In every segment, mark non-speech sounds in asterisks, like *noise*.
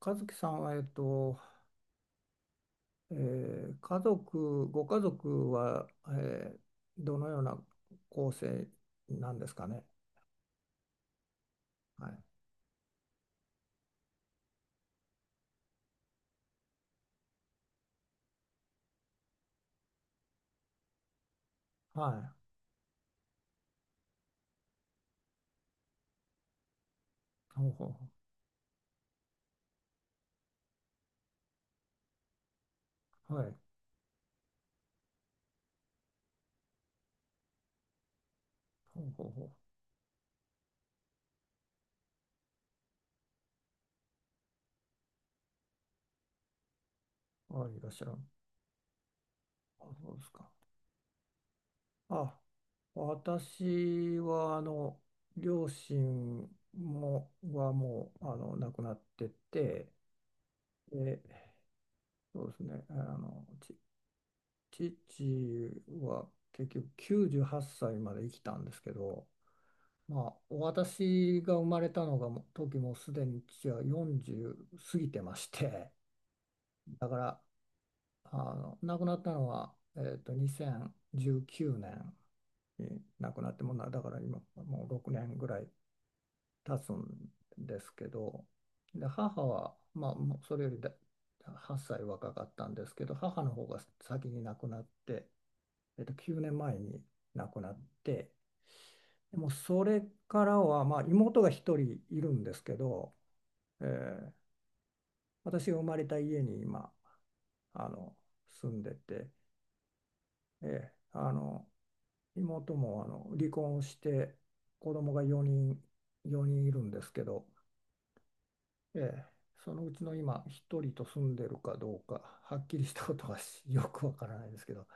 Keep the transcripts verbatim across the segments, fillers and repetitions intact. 和樹さんは、えっと、えー家族、ご家族は、えーどのような構成なんですかね。はい。はい。ほうほうほう。はい。ほうほうほう。あ、いらっしゃる。あ、そうですか。あ、私は、あの、両親も、はもう、あの、亡くなってて、で、そうですね、あの、ち、父は結局きゅうじゅうはっさいまで生きたんですけど、まあ、私が生まれたのがも時もうすでに父はよんじゅう過ぎてまして、だから、あの、亡くなったのは、えーと、にせんじゅうきゅうねんに亡くなってもうな、だから今もうろくねんぐらい経つんですけど、で、母は、まあ、もうそれよりだはっさい若かったんですけど、母の方が先に亡くなって、えーと、きゅうねんまえに亡くなって、でもそれからは、まあ、妹が一人いるんですけど、えー私が生まれた家に今あの住んでて、えーあの妹もあの離婚をして子供がよにん、よにんいるんですけど、えーそのうちの今ひとりと住んでるかどうかはっきりしたことはしよくわからないですけど、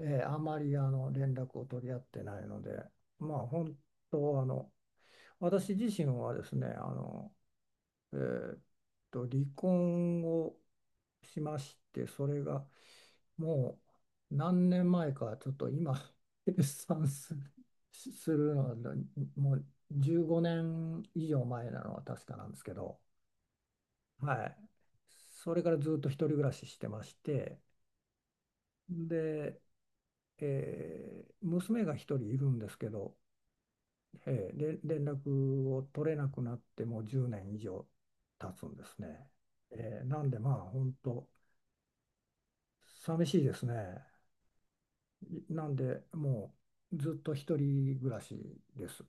えーあまりあの連絡を取り合ってないので、まあ本当あの私自身はですねあの、えーっと離婚をしましてそれがもう何年前か、ちょっと今、*laughs* 計算す、するのは、もうじゅうごねん以上前なのは確かなんですけど、はい。それからずっと一人暮らししてまして、で、えー娘が一人いるんですけど、えーれ連絡を取れなくなってもうじゅうねん以上経つんですね。えーなんでまあ、本当寂しいですね。なんで、もうずっと一人暮らしです。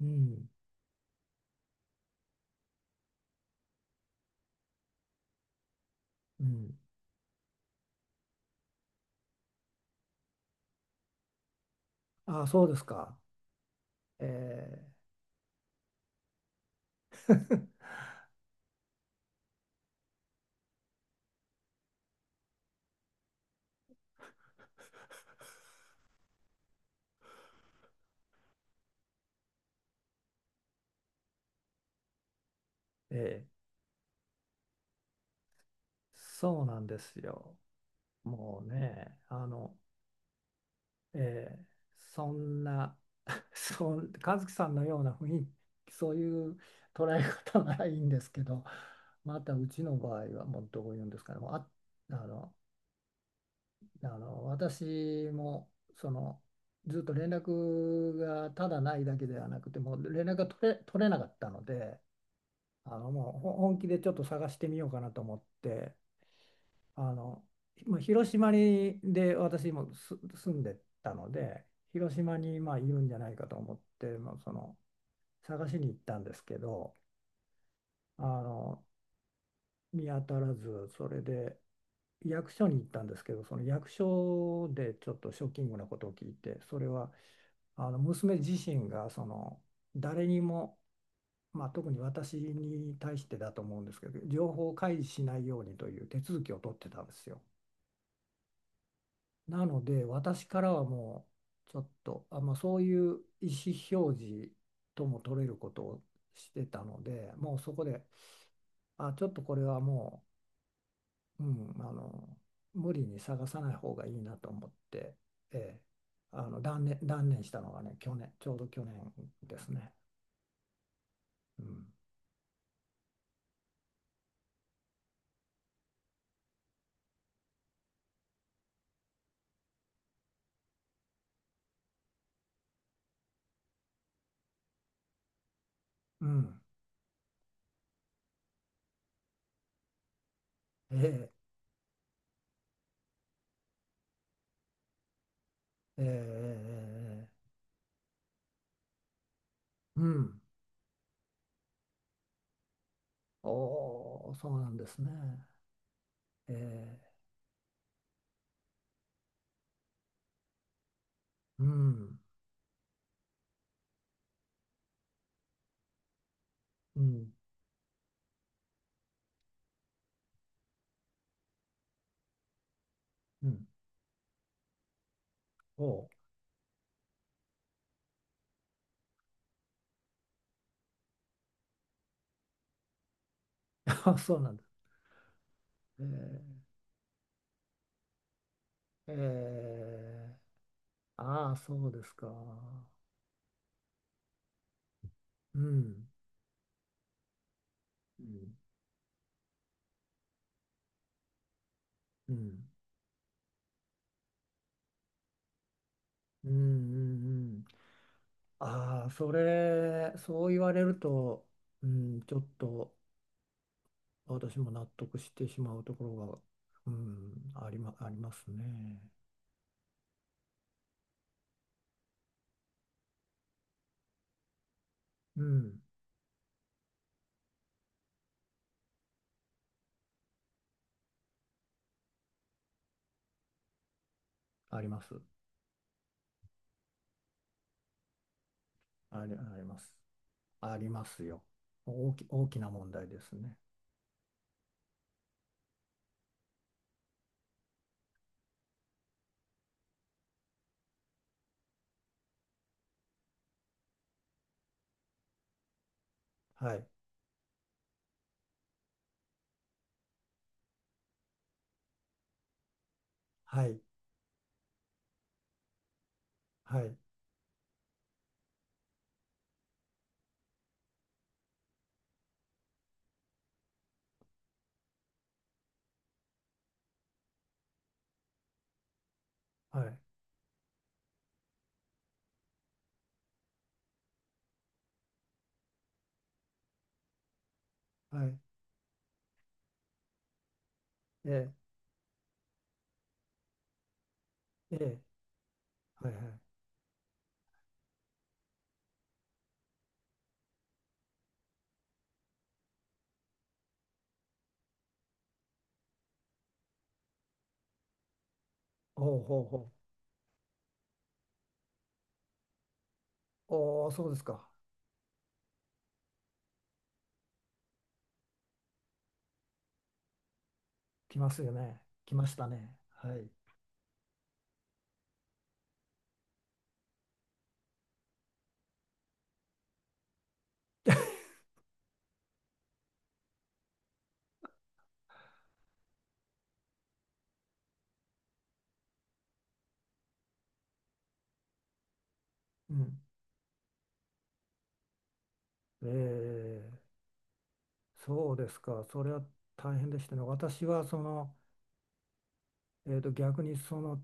うん、うん。あ、そうですか。えー、えーそうなんですよ。もうね、あの、えーそんな、*laughs* そん、和樹さんのような雰囲気、そういう捉え方ならいいんですけど、またうちの場合はもうどういうんですかね、もうあ、あの、あの私もそのずっと連絡がただないだけではなくてもう連絡が取れ、取れなかったのであのもうほ本気でちょっと探してみようかなと思ってあのまあ広島にで私もす住んでたので広島にまあいるんじゃないかと思って、まあ、その探しに行ったんですけどあの見当たらずそれで。役所に行ったんですけど、その役所でちょっとショッキングなことを聞いて、それはあの娘自身がその誰にも、まあ、特に私に対してだと思うんですけど情報を開示しないようにという手続きを取ってたんですよ。なので私からはもうちょっとあ、まあ、そういう意思表示とも取れることをしてたのでもうそこであちょっとこれはもう、うん、あの無理に探さない方がいいなと思って、ええ、あの断念、断念したのがね去年ちょうど去年ですね。うん、うんええ、ええ、ええ、えうん。おー、そうなんですね。ええ、うん。うん、うん。おー、*laughs* そうなんです。ええ、ええ、ああ、そうですか。うん。うん、うん、うん、うんうん。ああ、それ、そう言われると、うん、ちょっと私も納得してしまうところが、うん、ありま、ありますね。うん、あります。あり、あります。ありますよ。大き、大きな問題ですね。はい。はい。はい。はい。はい。ええ。ええ。はい。はい。ほうほうほう。おお、そうですか。来ますよね。来ましたね。はい。うん。ええ、そうですか。それは大変でしたね。私は、その、えっと、逆に、その、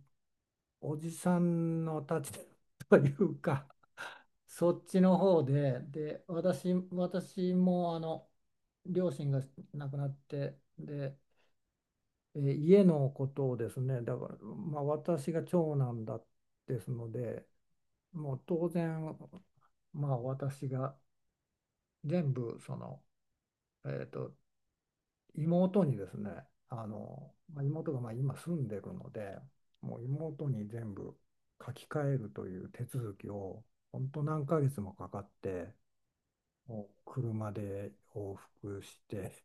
おじさんの立ちで *laughs* というか、そっちの方で、で、私、私もあの両親が亡くなって、で、えー家のことをですね、だから、まあ、私が長男だですので、もう当然、まあ、私が全部その、えーと、妹にですね、あの、まあ、妹がまあ今住んでるので、もう妹に全部書き換えるという手続きを、本当何ヶ月もかかって。もう車で往復して、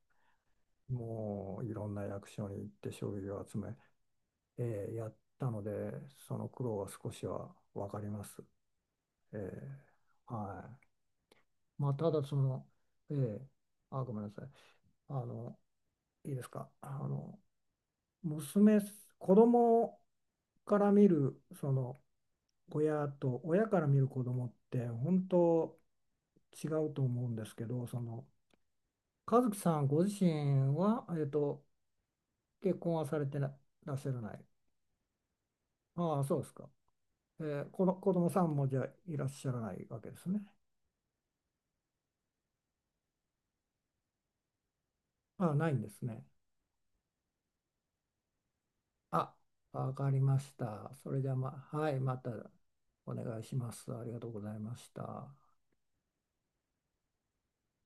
*laughs* もういろんな役所に行って書類を集め、えーやったので、その苦労は少しは分かります。えーはい。まあ、ただその、えーあ、ごめんなさい。あの、いいですか。あの、娘、子供から見る、その、親と、親から見る子供って、本当違うと思うんですけど、その、和樹さんご自身は、えっと、結婚はされてならっしゃらない。ああ、そうですか。えー、この子供さんもじゃあいらっしゃらないわけですね。ああ、ないんですね。あ、わかりました。それじゃあ、ま、はい、またお願いします。ありがとうございました。